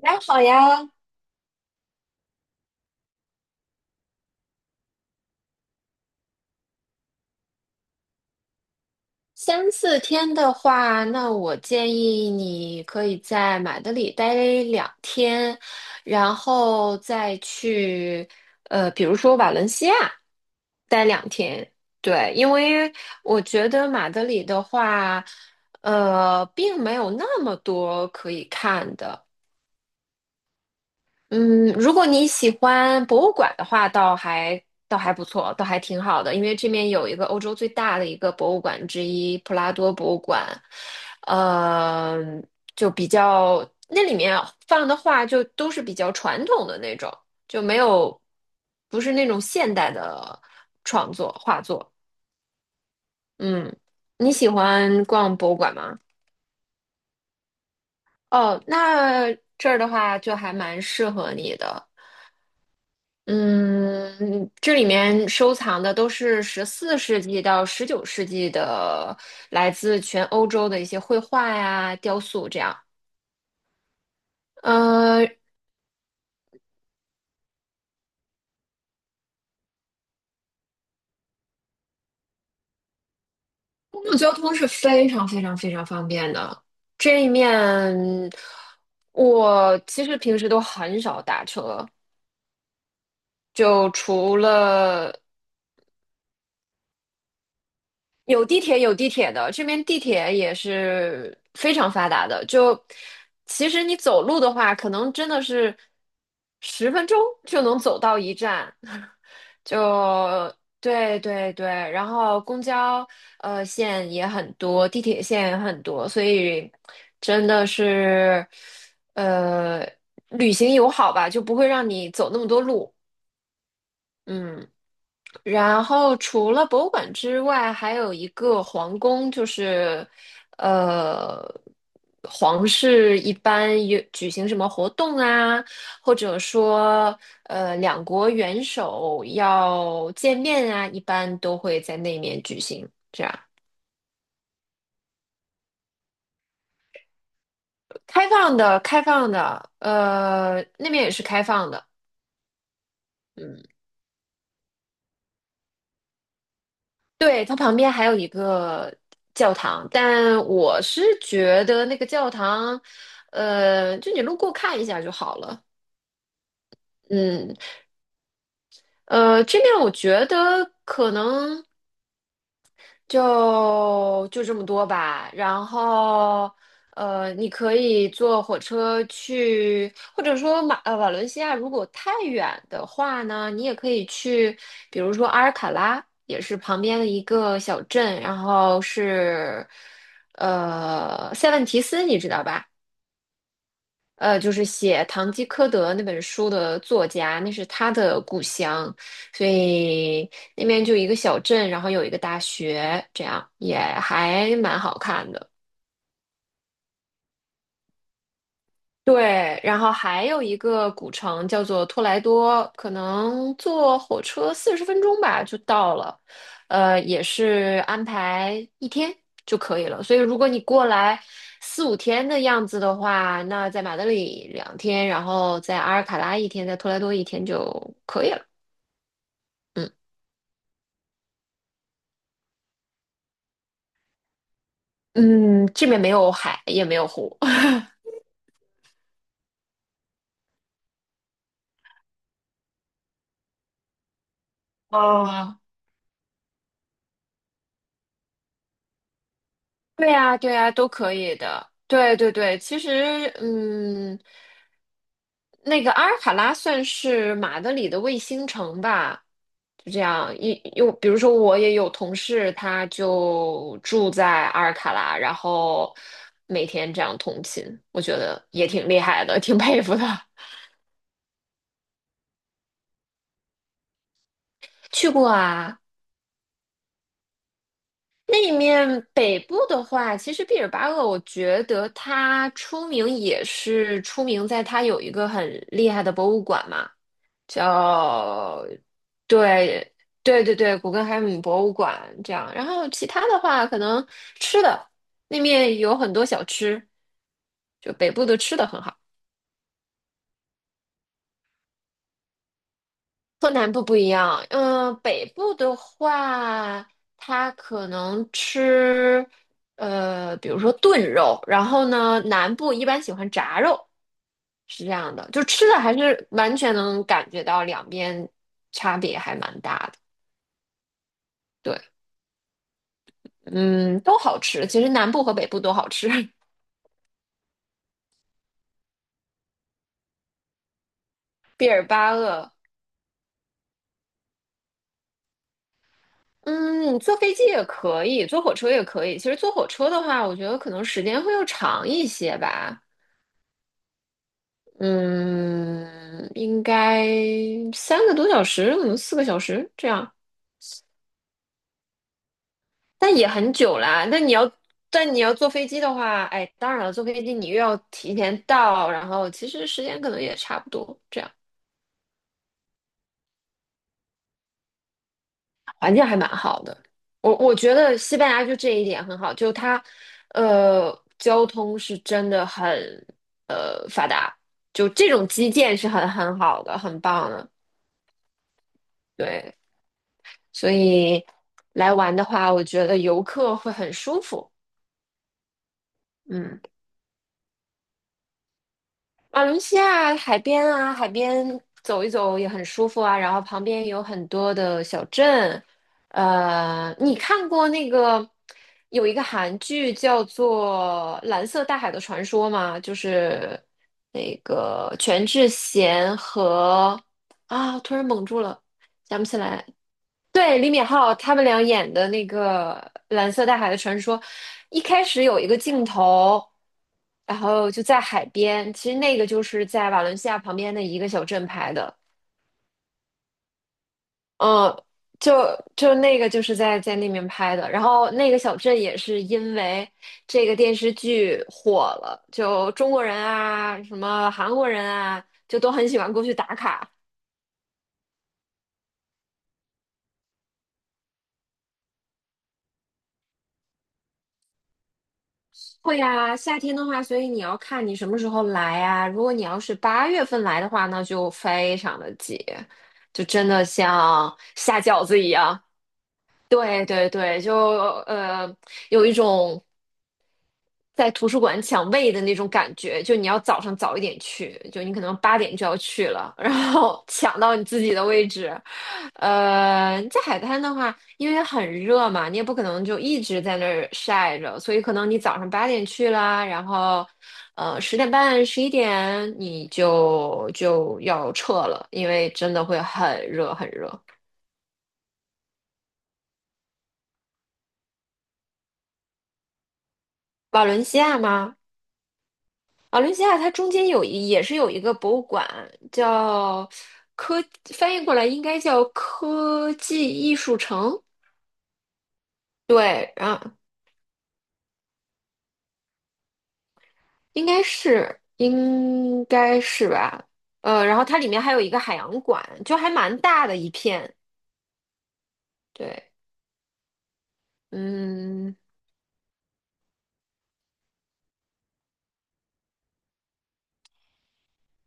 大家好呀，三四天的话，那我建议你可以在马德里待两天，然后再去比如说瓦伦西亚待两天。对，因为我觉得马德里的话，并没有那么多可以看的。嗯，如果你喜欢博物馆的话，倒还不错，倒还挺好的。因为这边有一个欧洲最大的一个博物馆之一——普拉多博物馆，呃，就比较那里面放的画就都是比较传统的那种，就没有不是那种现代的创作画作。嗯，你喜欢逛博物馆吗？哦，那这儿的话就还蛮适合你的。嗯，这里面收藏的都是14世纪到19世纪的，来自全欧洲的一些绘画呀、雕塑这样。呃，公共交通是非常非常非常方便的。这一面，我其实平时都很少打车，就除了有地铁的，这边地铁也是非常发达的。就其实你走路的话，可能真的是十分钟就能走到一站。就对对对，然后公交线也很多，地铁线也很多，所以真的是呃旅行友好吧，就不会让你走那么多路。嗯。然后除了博物馆之外，还有一个皇宫，就是，呃，皇室一般有举行什么活动啊，或者说，两国元首要见面啊，一般都会在那面举行。这样，开放的，开放的，那面也是开放的，嗯。对，它旁边还有一个教堂，但我是觉得那个教堂，就你路过看一下就好了。嗯，这面我觉得可能。就这么多吧。然后，你可以坐火车去，或者说瓦伦西亚，如果太远的话呢，你也可以去，比如说阿尔卡拉，也是旁边的一个小镇，然后是塞万提斯，你知道吧？就是写《堂吉诃德》那本书的作家，那是他的故乡，所以那边就一个小镇，然后有一个大学，这样也还蛮好看的。对，然后还有一个古城叫做托莱多，可能坐火车40分钟吧就到了，也是安排1天就可以了。所以如果你过来四五天的样子的话，那在马德里2天，然后在阿尔卡拉1天，在托莱多1天就可以了。嗯嗯，这边没有海，也没有湖。哦，对呀，对呀，都可以的。对对对，其实，那个阿尔卡拉算是马德里的卫星城吧，就这样。又比如说，我也有同事，他就住在阿尔卡拉，然后每天这样通勤，我觉得也挺厉害的，挺佩服的。去过啊。那面北部的话，其实毕尔巴鄂，我觉得它出名也是出名在它有一个很厉害的博物馆嘛，叫对对对对，古根海姆博物馆这样。然后其他的话，可能吃的那面有很多小吃，就北部的吃的很好。和南部不一样，北部的话，它可能吃，比如说炖肉，然后呢，南部一般喜欢炸肉，是这样的，就吃的还是完全能感觉到两边差别还蛮大的。对，嗯，都好吃，其实南部和北部都好吃。毕尔巴鄂，嗯，坐飞机也可以，坐火车也可以。其实坐火车的话，我觉得可能时间会又长一些吧。嗯，应该3个多小时，可能4个小时这样，但也很久啦。那你要，但你要坐飞机的话，哎，当然了，坐飞机你又要提前到，然后其实时间可能也差不多，这样环境还蛮好的。我觉得西班牙就这一点很好，就它，呃，交通是真的很发达，就这种基建是很好的，很棒的。对，所以来玩的话，我觉得游客会很舒服。嗯，马来西亚海边啊，海边走一走也很舒服啊。然后旁边有很多的小镇。你看过那个有一个韩剧叫做《蓝色大海的传说》吗？就是那个全智贤和啊，突然蒙住了，想不起来。对，李敏镐他们俩演的那个《蓝色大海的传说》，一开始有一个镜头，然后就在海边，其实那个就是在瓦伦西亚旁边的一个小镇拍的，嗯，就就那个就是在那边拍的，然后那个小镇也是因为这个电视剧火了，就中国人啊，什么韩国人啊，就都很喜欢过去打卡。会呀，夏天的话，所以你要看你什么时候来啊。如果你要是8月份来的话，那就非常的挤，就真的像下饺子一样。对对对，呃有一种在图书馆抢位的那种感觉，就你要早上早一点去，就你可能八点就要去了，然后 抢到你自己的位置。在海滩的话，因为很热嘛，你也不可能就一直在那儿晒着，所以可能你早上八点去啦，然后10点半、十一点你就要撤了，因为真的会很热很热。瓦伦西亚吗？啊，伦西亚它中间也是有一个博物馆，叫科，翻译过来应该叫科技艺术城。对，啊，应该是应该是吧。然后它里面还有一个海洋馆，就还蛮大的一片。对，嗯。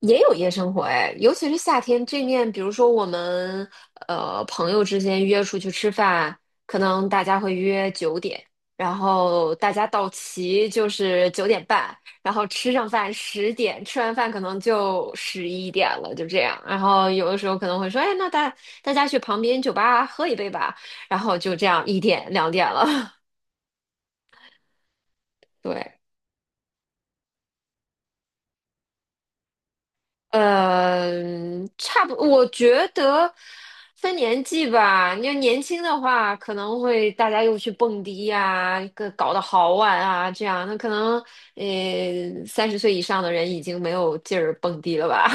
也有夜生活哎，尤其是夏天这面，比如说我们朋友之间约出去吃饭，可能大家会约九点，然后大家到齐就是9点半，然后吃上饭十点，吃完饭可能就十一点了，就这样。然后有的时候可能会说，哎，那大家去旁边酒吧喝一杯吧，然后就这样一点两点了。对，嗯，呃差不，我觉得分年纪吧。你要年轻的话，可能会大家又去蹦迪呀、个搞得好晚啊，这样。那可能，30岁以上的人已经没有劲儿蹦迪了吧？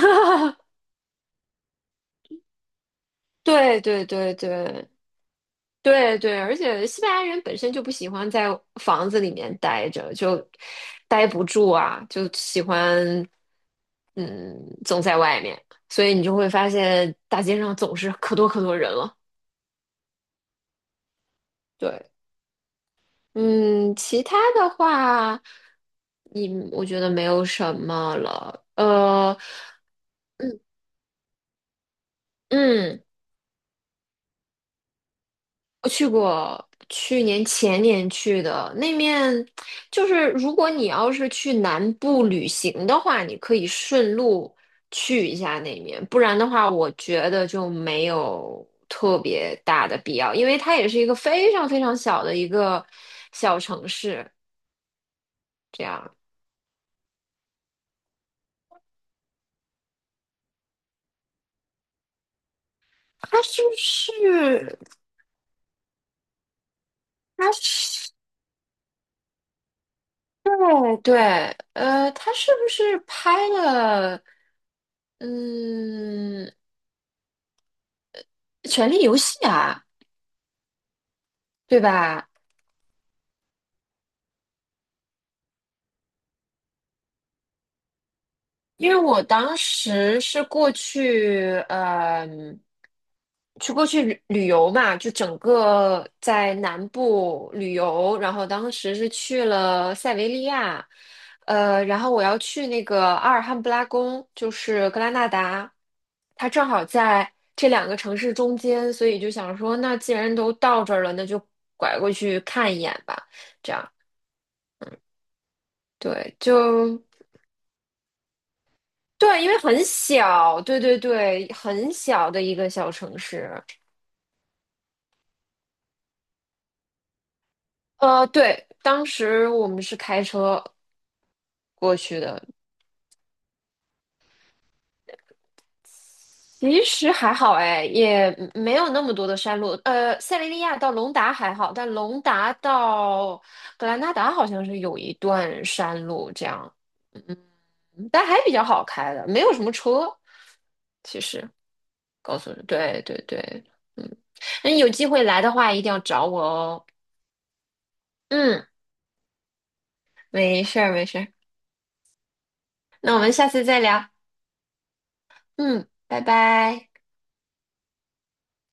对对对对，对对，而且西班牙人本身就不喜欢在房子里面待着，就待不住啊，就喜欢嗯总在外面，所以你就会发现大街上总是可多可多人了。对，嗯，其他的话，你我觉得没有什么了。嗯嗯，我去过，去年前年去的那面，就是如果你要是去南部旅行的话，你可以顺路去一下那面，不然的话，我觉得就没有特别大的必要，因为它也是一个非常非常小的一个小城市，这样。它是不是？它是？对，对，它是不是拍了？嗯，《权力游戏》啊？对吧？因为我当时是过去，过去旅游嘛，就整个在南部旅游，然后当时是去了塞维利亚，然后我要去那个阿尔汉布拉宫，就是格拉纳达，它正好在这两个城市中间，所以就想说，那既然都到这儿了，那就拐过去看一眼吧，这样，对，对，因为很小，对对对，很小的一个小城市。对，当时我们是开车过去的，其实还好哎，也没有那么多的山路。塞雷利亚到隆达还好，但隆达到格兰纳达好像是有一段山路这样，嗯，但还比较好开的，没有什么车。其实告诉你，对对对，嗯，那你有机会来的话，一定要找我哦。嗯，没事儿没事儿。那我们下次再聊。嗯，拜拜。